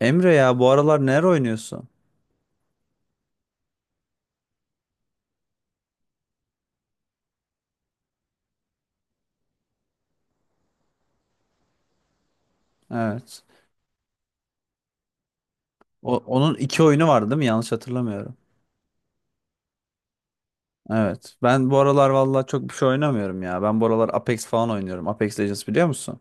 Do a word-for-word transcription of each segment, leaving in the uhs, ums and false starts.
Emre ya bu aralar neler oynuyorsun? Evet. O, onun iki oyunu var değil mi? Yanlış hatırlamıyorum. Evet. Ben bu aralar vallahi çok bir şey oynamıyorum ya. Ben bu aralar Apex falan oynuyorum. Apex Legends biliyor musun?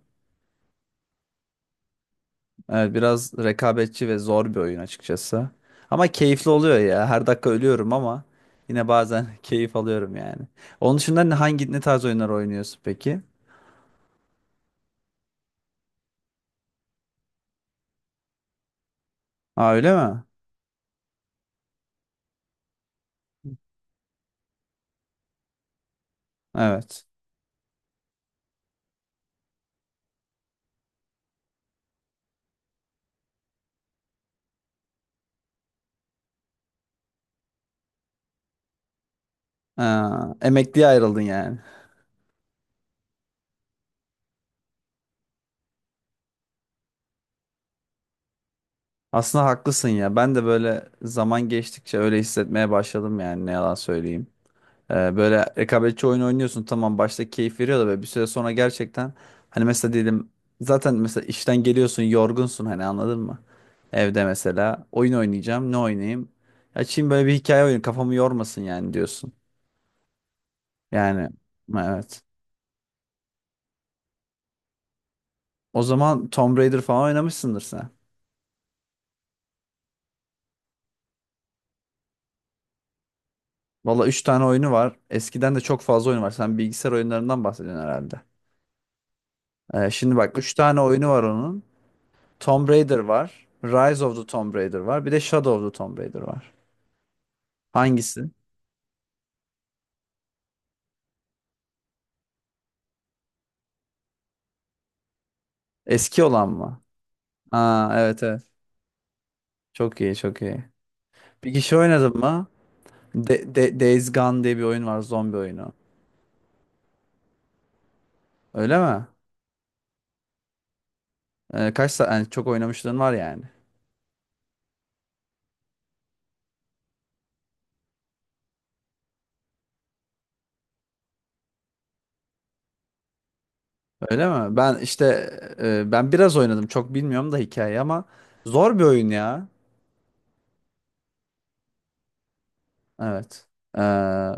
Evet, biraz rekabetçi ve zor bir oyun açıkçası. Ama keyifli oluyor ya. Her dakika ölüyorum ama yine bazen keyif alıyorum yani. Onun dışında ne- hangi ne tarz oyunlar oynuyorsun peki? Aa, öyle mi? Evet. Aa, emekliye ayrıldın yani. Aslında haklısın ya. Ben de böyle zaman geçtikçe öyle hissetmeye başladım yani ne yalan söyleyeyim. Ee, böyle rekabetçi oyun oynuyorsun, tamam başta keyif veriyor da böyle bir süre sonra gerçekten hani mesela diyelim zaten mesela işten geliyorsun yorgunsun hani anladın mı? Evde mesela oyun oynayacağım, ne oynayayım? Açayım böyle bir hikaye oyunu, kafamı yormasın yani diyorsun. Yani evet. O zaman Tomb Raider falan oynamışsındır sen. Valla üç tane oyunu var. Eskiden de çok fazla oyun var. Sen bilgisayar oyunlarından bahsediyorsun herhalde. Ee, şimdi bak, üç tane oyunu var onun. Tomb Raider var. Rise of the Tomb Raider var. Bir de Shadow of the Tomb Raider var. Hangisi? Eski olan mı? Aa, evet evet. Çok iyi, çok iyi. Bir kişi oynadın mı? De De- Days Gone diye bir oyun var. Zombi oyunu. Öyle mi? Ee, kaç saat? Yani çok oynamışlığın var yani. Öyle mi? Ben işte e, ben biraz oynadım. Çok bilmiyorum da hikayeyi ama zor bir oyun ya. Evet. Ee,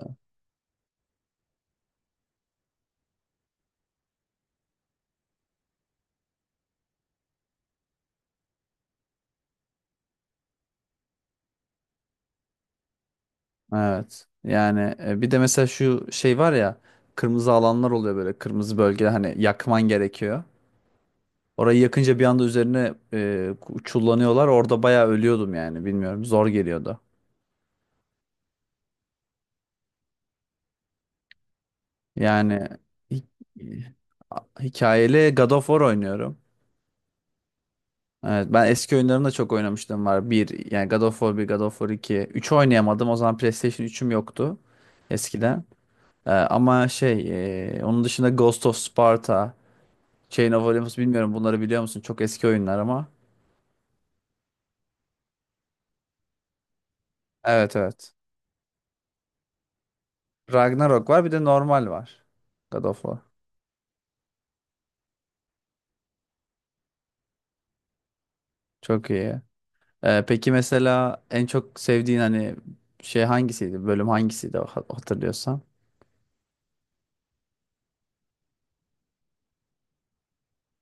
Evet. Yani e, bir de mesela şu şey var ya, kırmızı alanlar oluyor böyle, kırmızı bölgeler hani yakman gerekiyor. Orayı yakınca bir anda üzerine e, çullanıyorlar. Orada bayağı ölüyordum yani, bilmiyorum, zor geliyordu. Yani hi- a- hikayeli God of War oynuyorum. Evet, ben eski oyunlarını da çok oynamıştım var. Bir yani God of War bir, God of War iki. üç oynayamadım, o zaman PlayStation üçüm yoktu eskiden. E, ama şey e, onun dışında Ghost of Sparta. Chain of Olympus, bilmiyorum bunları biliyor musun? Çok eski oyunlar ama. Evet evet. Ragnarok var, bir de normal var. God of War. Çok iyi. Ee, peki mesela en çok sevdiğin hani şey hangisiydi? Bölüm hangisiydi ha- hatırlıyorsan?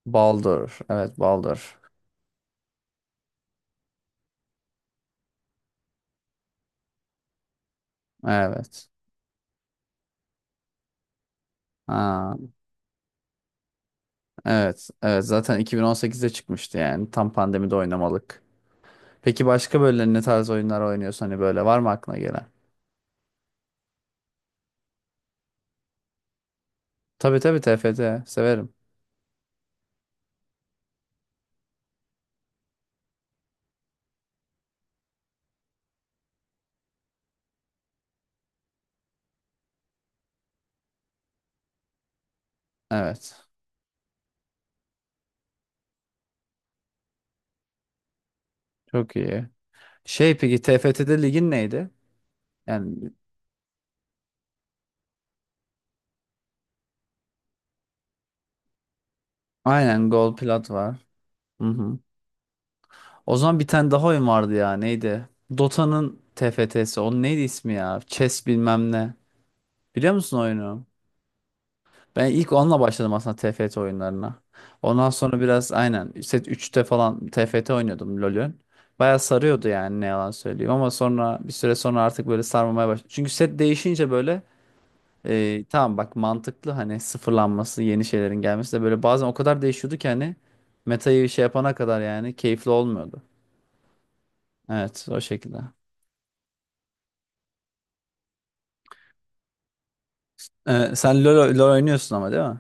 Baldur. Evet, Baldur. Evet. Ha, evet. Evet zaten iki bin on sekizde çıkmıştı yani. Tam pandemide oynamalık. Peki başka böyle ne tarz oyunlar oynuyorsun, hani böyle var mı aklına gelen? Tabii tabii, T F T severim. Evet. Çok iyi. Şey, peki T F T'de ligin neydi? Yani aynen Gold Plat var. Hı hı. O zaman bir tane daha oyun vardı ya, neydi? Dota'nın T F T'si. Onun neydi ismi ya? Chess bilmem ne. Biliyor musun oyunu? Ben ilk onunla başladım aslında T F T oyunlarına. Ondan sonra biraz aynen set üçte falan T F T oynuyordum LoL'ün. Baya sarıyordu yani ne yalan söyleyeyim, ama sonra bir süre sonra artık böyle sarmamaya başladı. Çünkü set değişince böyle Ee, tamam, bak mantıklı hani sıfırlanması, yeni şeylerin gelmesi, de böyle bazen o kadar değişiyordu ki hani, metayı şey yapana kadar yani keyifli olmuyordu. Evet, o şekilde. Ee, sen LoL, LoL oynuyorsun ama değil mi?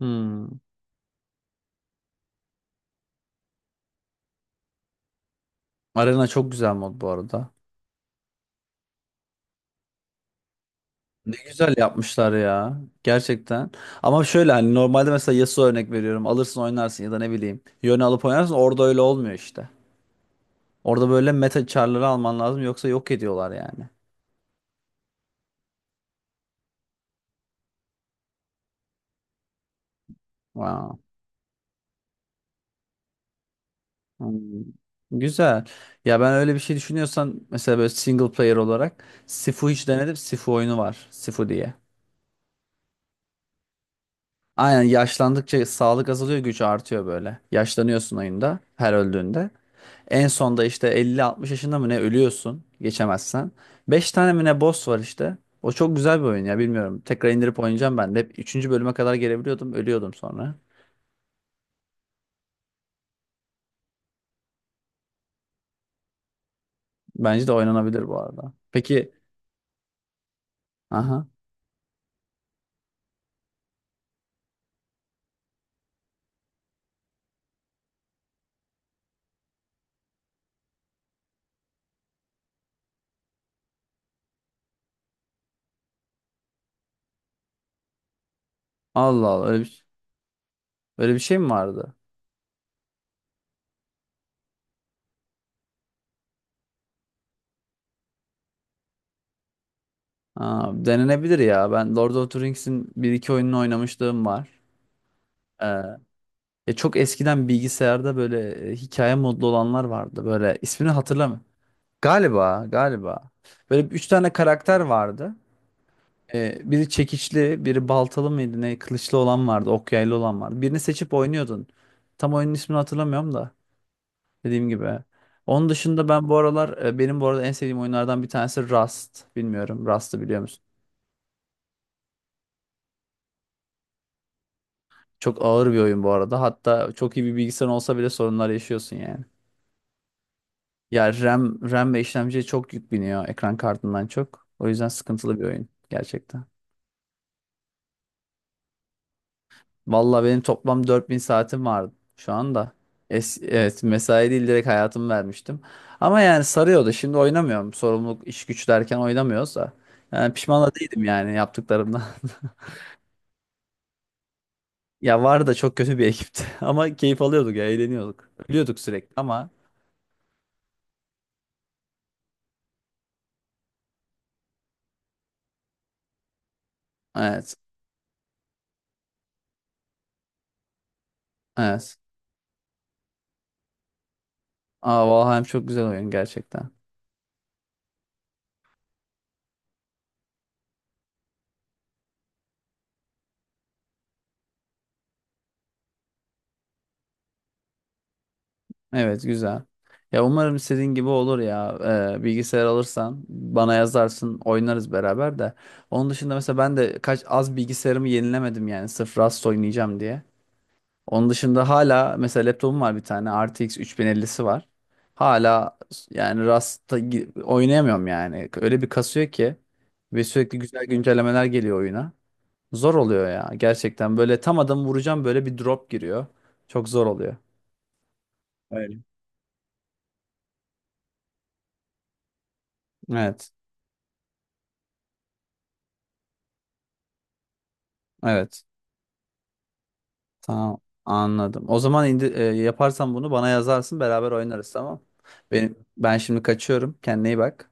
Hmm. Arena çok güzel mod bu arada. Ne güzel yapmışlar ya, gerçekten. Ama şöyle hani, normalde mesela Yasuo örnek veriyorum, alırsın oynarsın ya da ne bileyim Yone alıp oynarsın, orada öyle olmuyor işte. Orada böyle meta char'ları alman lazım, yoksa yok ediyorlar yani. Wow. Hmm, güzel. Ya ben öyle bir şey düşünüyorsan, mesela böyle single player olarak Sifu hiç denedim. Sifu oyunu var. Sifu diye. Aynen, yaşlandıkça sağlık azalıyor, güç artıyor böyle. Yaşlanıyorsun oyunda her öldüğünde. En sonda işte elli, altmış yaşında mı ne ölüyorsun geçemezsen. Beş tane mi ne boss var işte. O çok güzel bir oyun ya, bilmiyorum. Tekrar indirip oynayacağım ben de. Hep üçüncü bölüme kadar gelebiliyordum, ölüyordum sonra. Bence de oynanabilir bu arada. Peki, aha. Allah Allah, öyle bir, öyle bir şey mi vardı? Aa, denenebilir ya. Ben Lord of the Rings'in bir iki oyununu oynamışlığım var. Ee, ya çok eskiden bilgisayarda böyle e, hikaye modlu olanlar vardı. Böyle ismini hatırlamıyorum. Galiba, galiba. Böyle üç tane karakter vardı. Ee, biri çekiçli, biri baltalı mıydı ne? Kılıçlı olan vardı, ok yaylı olan vardı. Birini seçip oynuyordun. Tam oyunun ismini hatırlamıyorum da dediğim gibi. Onun dışında ben bu aralar e, benim bu arada en sevdiğim oyunlardan bir tanesi Rust. Bilmiyorum, Rust'ı biliyor musun? Çok ağır bir oyun bu arada. Hatta çok iyi bir bilgisayar olsa bile sorunlar yaşıyorsun yani. Ya RAM, RAM ve işlemciye çok yük biniyor, ekran kartından çok. O yüzden sıkıntılı bir oyun gerçekten. Vallahi benim toplam dört bin saatim vardı şu anda. Es evet, mesai değil, direkt hayatımı vermiştim. Ama yani sarıyordu. Şimdi oynamıyorum. Sorumluluk, iş güç derken oynamıyoruz da. Yani pişman da değilim yani yaptıklarımdan. Ya, var da çok kötü bir ekipti. Ama keyif alıyorduk ya, eğleniyorduk. Ölüyorduk sürekli ama evet. Evet. Aa, Valheim çok güzel oyun gerçekten. Evet, güzel. Ya umarım istediğin gibi olur ya. Ee, bilgisayar alırsan bana yazarsın, oynarız beraber de. Onun dışında mesela ben de kaç az bilgisayarımı yenilemedim yani, sırf Rust oynayacağım diye. Onun dışında hala mesela laptopum var, bir tane R T X otuz ellisi var. Hala yani Rust'ta gi- oynayamıyorum yani. Öyle bir kasıyor ki ve sürekli güzel güncellemeler geliyor oyuna. Zor oluyor ya gerçekten, böyle tam adamı vuracağım böyle bir drop giriyor. Çok zor oluyor. Öyle. Evet. Evet. Tamam. Anladım. O zaman indi, e, yaparsan bunu bana yazarsın. Beraber oynarız, tamam. Benim, ben şimdi kaçıyorum. Kendine iyi bak.